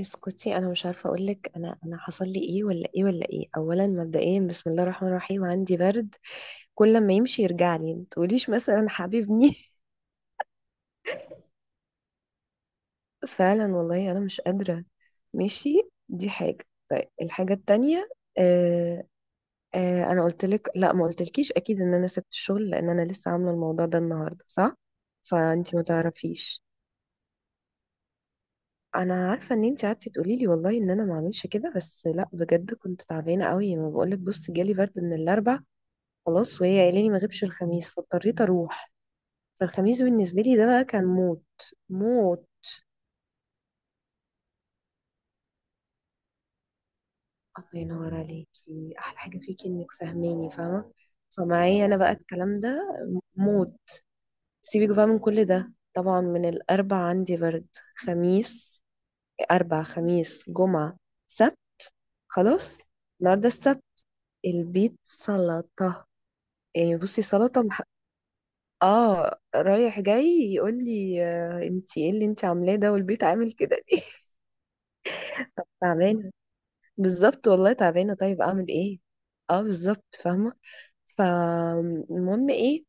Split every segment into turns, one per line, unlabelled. اسكتي، انا مش عارفه اقول لك انا حصل لي ايه ولا ايه ولا ايه. اولا مبدئيا، بسم الله الرحمن الرحيم، عندي برد. كل ما يمشي يرجع لي. ما تقوليش مثلا حبيبني. فعلا والله انا مش قادره. ماشي. دي حاجه. طيب، الحاجه التانية. آه آه، انا قلت لك، لا ما قلتلكيش اكيد ان انا سبت الشغل، لان انا لسه عامله الموضوع ده النهارده، صح؟ فانتي ما تعرفيش. انا عارفه ان انتي قعدتي تقولي لي والله ان انا ما اعملش كده، بس لا بجد كنت تعبانه قوي. ما بقولك، بص، جالي برد من الاربع. خلاص، وهي قايله لي ما غيبش الخميس، فاضطريت اروح. فالخميس بالنسبه لي ده بقى كان موت. موت. الله ينور عليكي، احلى حاجه فيكي انك فاهماني فاهمه. فمعايا انا بقى الكلام ده موت. سيبك بقى من كل ده. طبعا من الاربع عندي برد، خميس، اربع خميس جمعه، سبت، خلاص، النهارده السبت، البيت سلطه. يعني بصي، سلطه. اه رايح جاي، يقول لي: آه، انتي ايه اللي انتي عاملاه ده، والبيت عامل كده ليه؟ تعبانه. بالظبط والله تعبانه. طيب اعمل ايه؟ اه بالظبط فاهمه. فالمهم، ايه،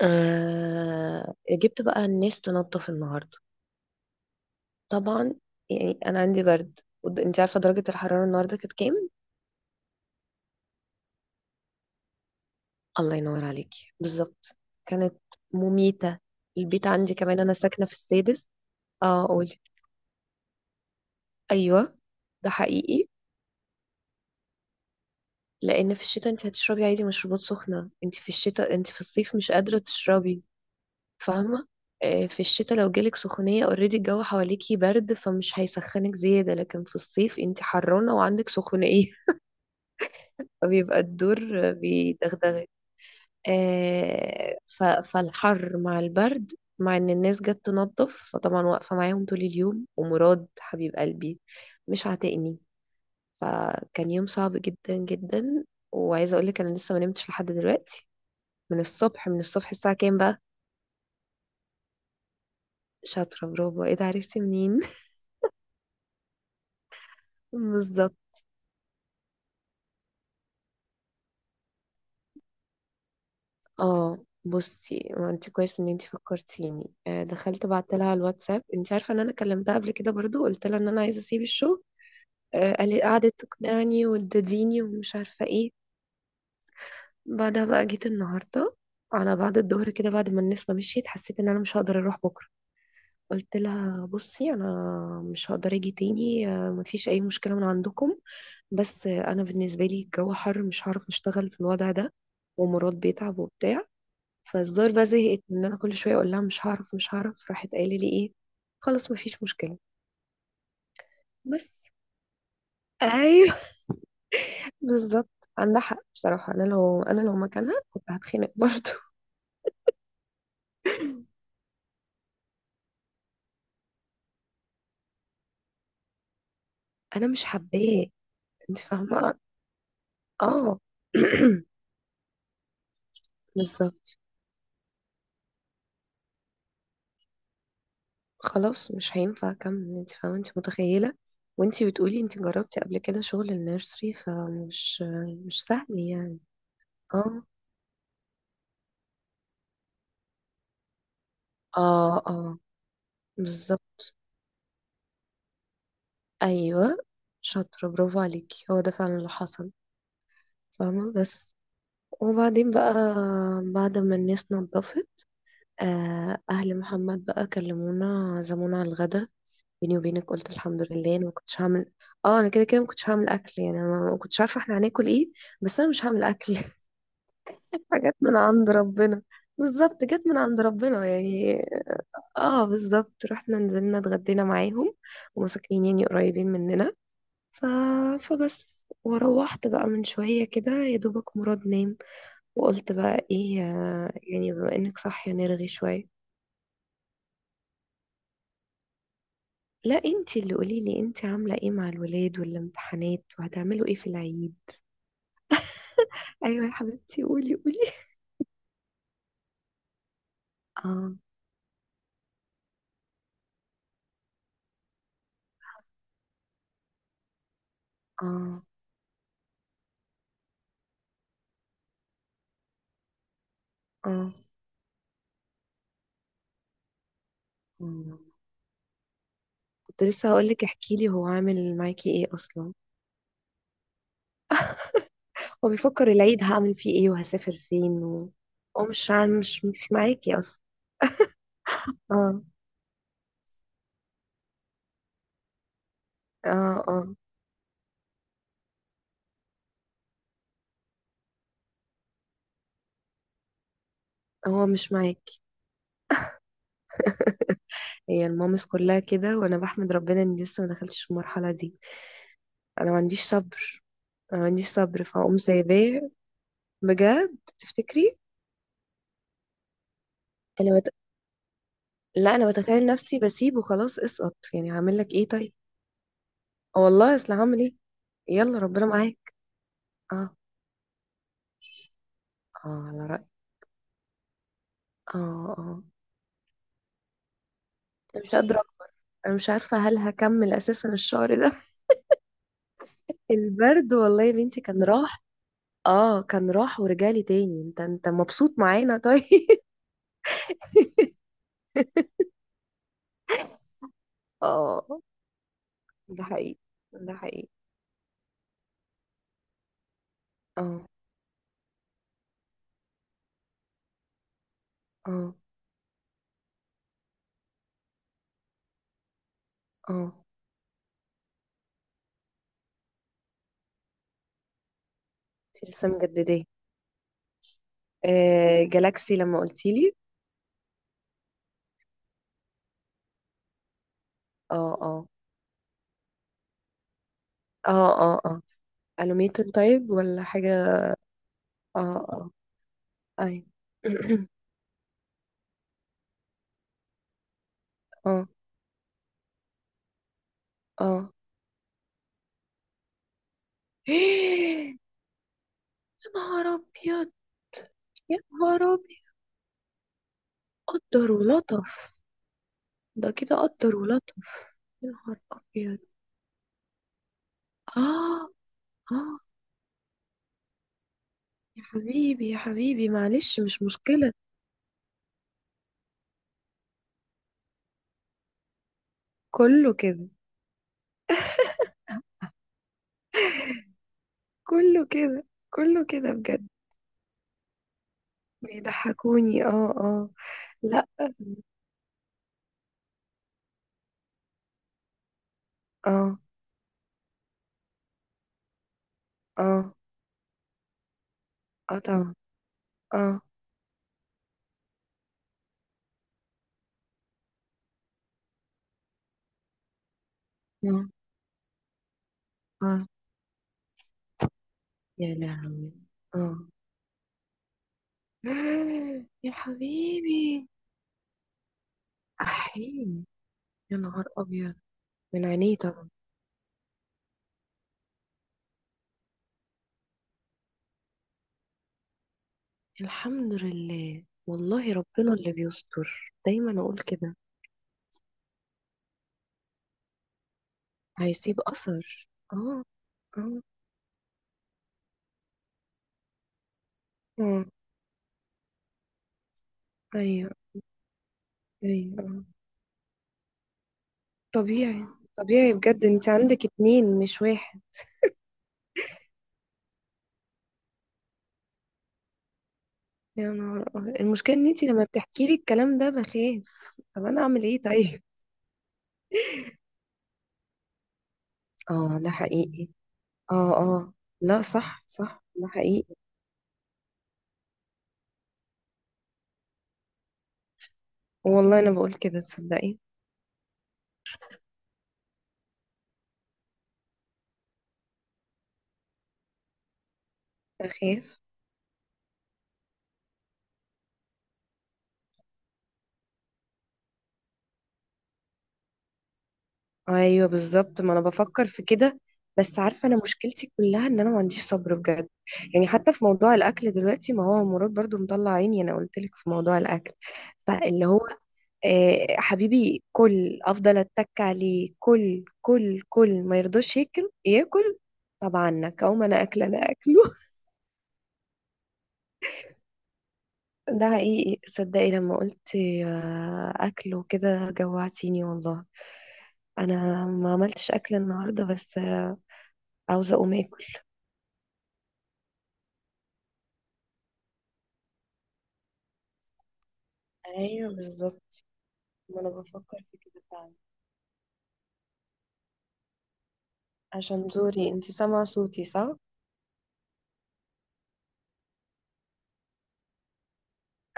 جبت بقى الناس تنظف النهارده، طبعا. يعني انا عندي برد انتي عارفه درجه الحراره النهارده كانت كام؟ الله ينور عليكي بالظبط. كانت مميته. البيت عندي كمان، انا ساكنه في السادس. اه قولي. ايوه. ده حقيقي، لان في الشتاء انت هتشربي عادي مشروبات سخنه. انت في الصيف مش قادره تشربي. فاهمه. في الشتاء لو جالك سخونيه، اوريدي الجو حواليكي برد فمش هيسخنك زياده، لكن في الصيف انت حرانه وعندك سخونيه. فبيبقى الدور بيدغدغك. فالحر مع البرد. مع ان الناس جت تنظف، فطبعا واقفه معاهم طول اليوم، ومراد حبيب قلبي مش عاتقني، فكان يوم صعب جدا جدا. وعايزه اقول لك انا لسه ما نمتش لحد دلوقتي. من الصبح، من الصبح. الساعة كام بقى؟ شاطرة، برافو. ايه ده، عرفتي منين؟ بالظبط. اه بصي، ما انت كويس ان انت فكرتيني. دخلت بعت لها الواتساب. انت عارفة ان انا كلمتها قبل كده برضو، قلت لها ان انا عايزة اسيب الشغل. قالت قعدت تقنعني وتديني، ومش عارفة ايه. بعدها بقى جيت النهاردة، على بعد الظهر كده، بعد ما الناس ما مشيت حسيت ان انا مش هقدر اروح بكرة. قلت لها: بصي، انا مش هقدر اجي تاني. مفيش اي مشكلة من عندكم، بس انا بالنسبه لي الجو حر، مش هعرف اشتغل في الوضع ده، ومراد بيتعب وبتاع. فالزار بقى زهقت ان انا كل شويه اقول لها مش هعرف مش هعرف. راحت قايله لي ايه؟ خلاص مفيش مشكله. بس. ايوه. بالظبط. عندها حق بصراحه. انا لو مكانها كنت هتخنق برضه. انا مش حباه. انت فاهمه. اه. بالظبط. خلاص مش هينفع اكمل، انت فاهمه، انت متخيله. وانت بتقولي انت جربتي قبل كده شغل النيرسري، فمش مش سهل يعني. اه اه اه بالظبط. ايوه شاطرة، برافو عليكي. هو ده فعلا اللي حصل. فاهمة بس. وبعدين بقى، بعد ما الناس نضفت، أهل محمد بقى كلمونا عزمونا على الغدا. بيني وبينك قلت الحمد لله، أنا ما كنتش هعمل. اه أنا كده كده ما كنتش هعمل أكل. يعني أنا ما كنتش عارفة احنا هناكل ايه، بس أنا مش هعمل أكل. حاجات من عند ربنا. بالظبط، جت من عند ربنا يعني. اه بالظبط، رحنا نزلنا اتغدينا معاهم. وهم ساكنين يعني قريبين مننا. ف... فبس، وروحت بقى من شوية كده، يا دوبك مراد نام. وقلت بقى ايه، يعني بما انك صاحية نرغي شوية. لا، انتي اللي قوليلي، انتي عاملة ايه مع الولاد والامتحانات، وهتعملوا ايه في العيد؟ ايوه يا حبيبتي، قولي قولي. اه اه اه. آه. كنت لسه هقولك، احكيلي، هو عامل معاكي ايه اصلا؟ هو بيفكر العيد هعمل فيه ايه، وهسافر فين، هو مش عام- مش مش معاكي اصلا. اه اه اه. هو مش معاك. هي المامس كلها كده، وانا بحمد ربنا اني لسه ما دخلتش في المرحله دي. انا ما عنديش صبر. انا ما عنديش صبر، فاقوم سايباه. بجد تفتكري؟ انا بت... لا، انا بتخيل نفسي بسيبه. خلاص اسقط يعني، هعمل لك ايه طيب؟ آه والله، اصل هعمل ايه. يلا ربنا معاك. اه اه على رأيك. اه اه. انا مش قادره اكبر. انا مش عارفه هل هكمل اساسا الشهر ده. البرد والله يا بنتي كان راح. اه كان راح ورجالي تاني. انت مبسوط معانا طيب؟ اه ده حقيقي. ده حقيقي. اه اه اه. انت لسه مجدداه؟ آه جالاكسي، لما قلتي لي. اه اه اه اه اه. الوميتد طيب، ولا حاجة؟ اه اه. اي. اه اه يا نهار ابيض. يا نهار ابيض، قدر ولطف. ده كده قدر ولطف. يا نهار ابيض. اه اه. يا حبيبي يا حبيبي معلش، مش مشكلة. كله كده. كله كده. كله كده بجد. بيضحكوني. اه اه. لا. اه اه اه. طبعا. اه اه اه. يا لهوي. اه يا حبيبي. احيي. يا نهار ابيض. من عينيه طبعا. الحمد لله، والله ربنا اللي بيستر، دايما اقول كده. هيسيب اثر. اه اه اه. ايوه ايوه. آه. طبيعي. طبيعي بجد، انت عندك اتنين مش واحد. يا نهار أبيض. المشكلة ان انتي لما بتحكي لي الكلام ده بخاف. طب انا اعمل ايه طيب؟ اه ده حقيقي. اه اه. لا صح صح. ده حقيقي. والله انا بقول كده تصدقي. بخاف. ايوه بالظبط، ما انا بفكر في كده. بس عارفه، انا مشكلتي كلها ان انا ما عنديش صبر بجد. يعني حتى في موضوع الاكل دلوقتي، ما هو مراد برضو مطلع عيني، انا قلت لك في موضوع الاكل. فاللي هو حبيبي كل، افضل اتك عليه كل، كل كل ما يرضاش ياكل، ياكل. طب عنك، او ما انا اكله انا اكله. ده حقيقي صدقي، لما قلت آه، اكل وكده، جوعتيني والله. انا ما عملتش اكل النهارده، بس عاوزه اقوم اكل. ايوه بالظبط، ما انا بفكر في كده فعلا. عشان زوري، انت سامعه صوتي صح؟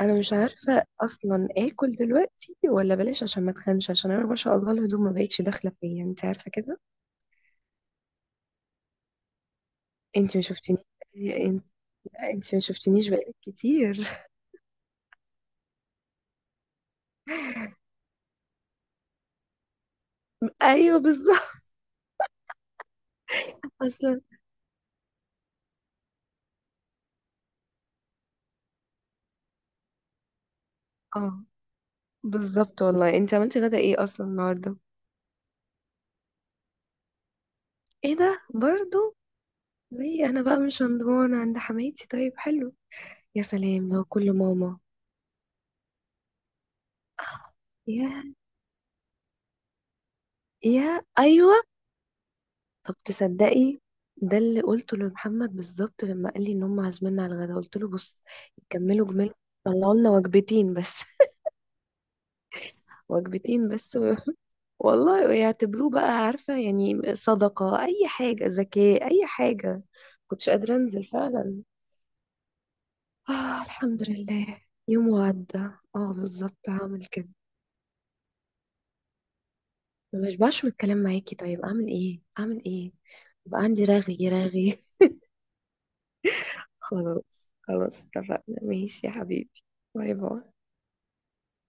انا مش عارفه اصلا اكل دلوقتي ولا بلاش، عشان ما اتخنش، عشان انا، ما شاء الله، الهدوم ما بقتش داخله فيا، انت عارفه كده. انت ما شفتنيش. انت انت ما شفتنيش بقالك كتير. ايوه بالظبط اصلا. اه بالظبط والله. انت عملتي غدا ايه اصلا النهارده؟ ايه ده برضو؟ ليه انا بقى مش هندوان عند حماتي؟ طيب حلو. يا سلام لو كل ماما. يا، يا، ايوه. طب تصدقي، ده اللي قلته لمحمد بالظبط لما قال لي ان هم عازميننا على الغدا، قلت له بص، كملوا جمل، طلعوا لنا وجبتين بس. وجبتين بس. والله يعتبروه بقى عارفة، يعني صدقة، اي حاجة، زكاة، اي حاجة. كنتش قادرة انزل فعلا. آه الحمد لله. يوم وعدى. اه بالظبط، هعمل كده. ما بشبعش من الكلام معاكي، طيب اعمل ايه، اعمل ايه؟ يبقى عندي رغي رغي. خلاص خلاص اتفقنا. ماشي يا حبيبي. باي باي.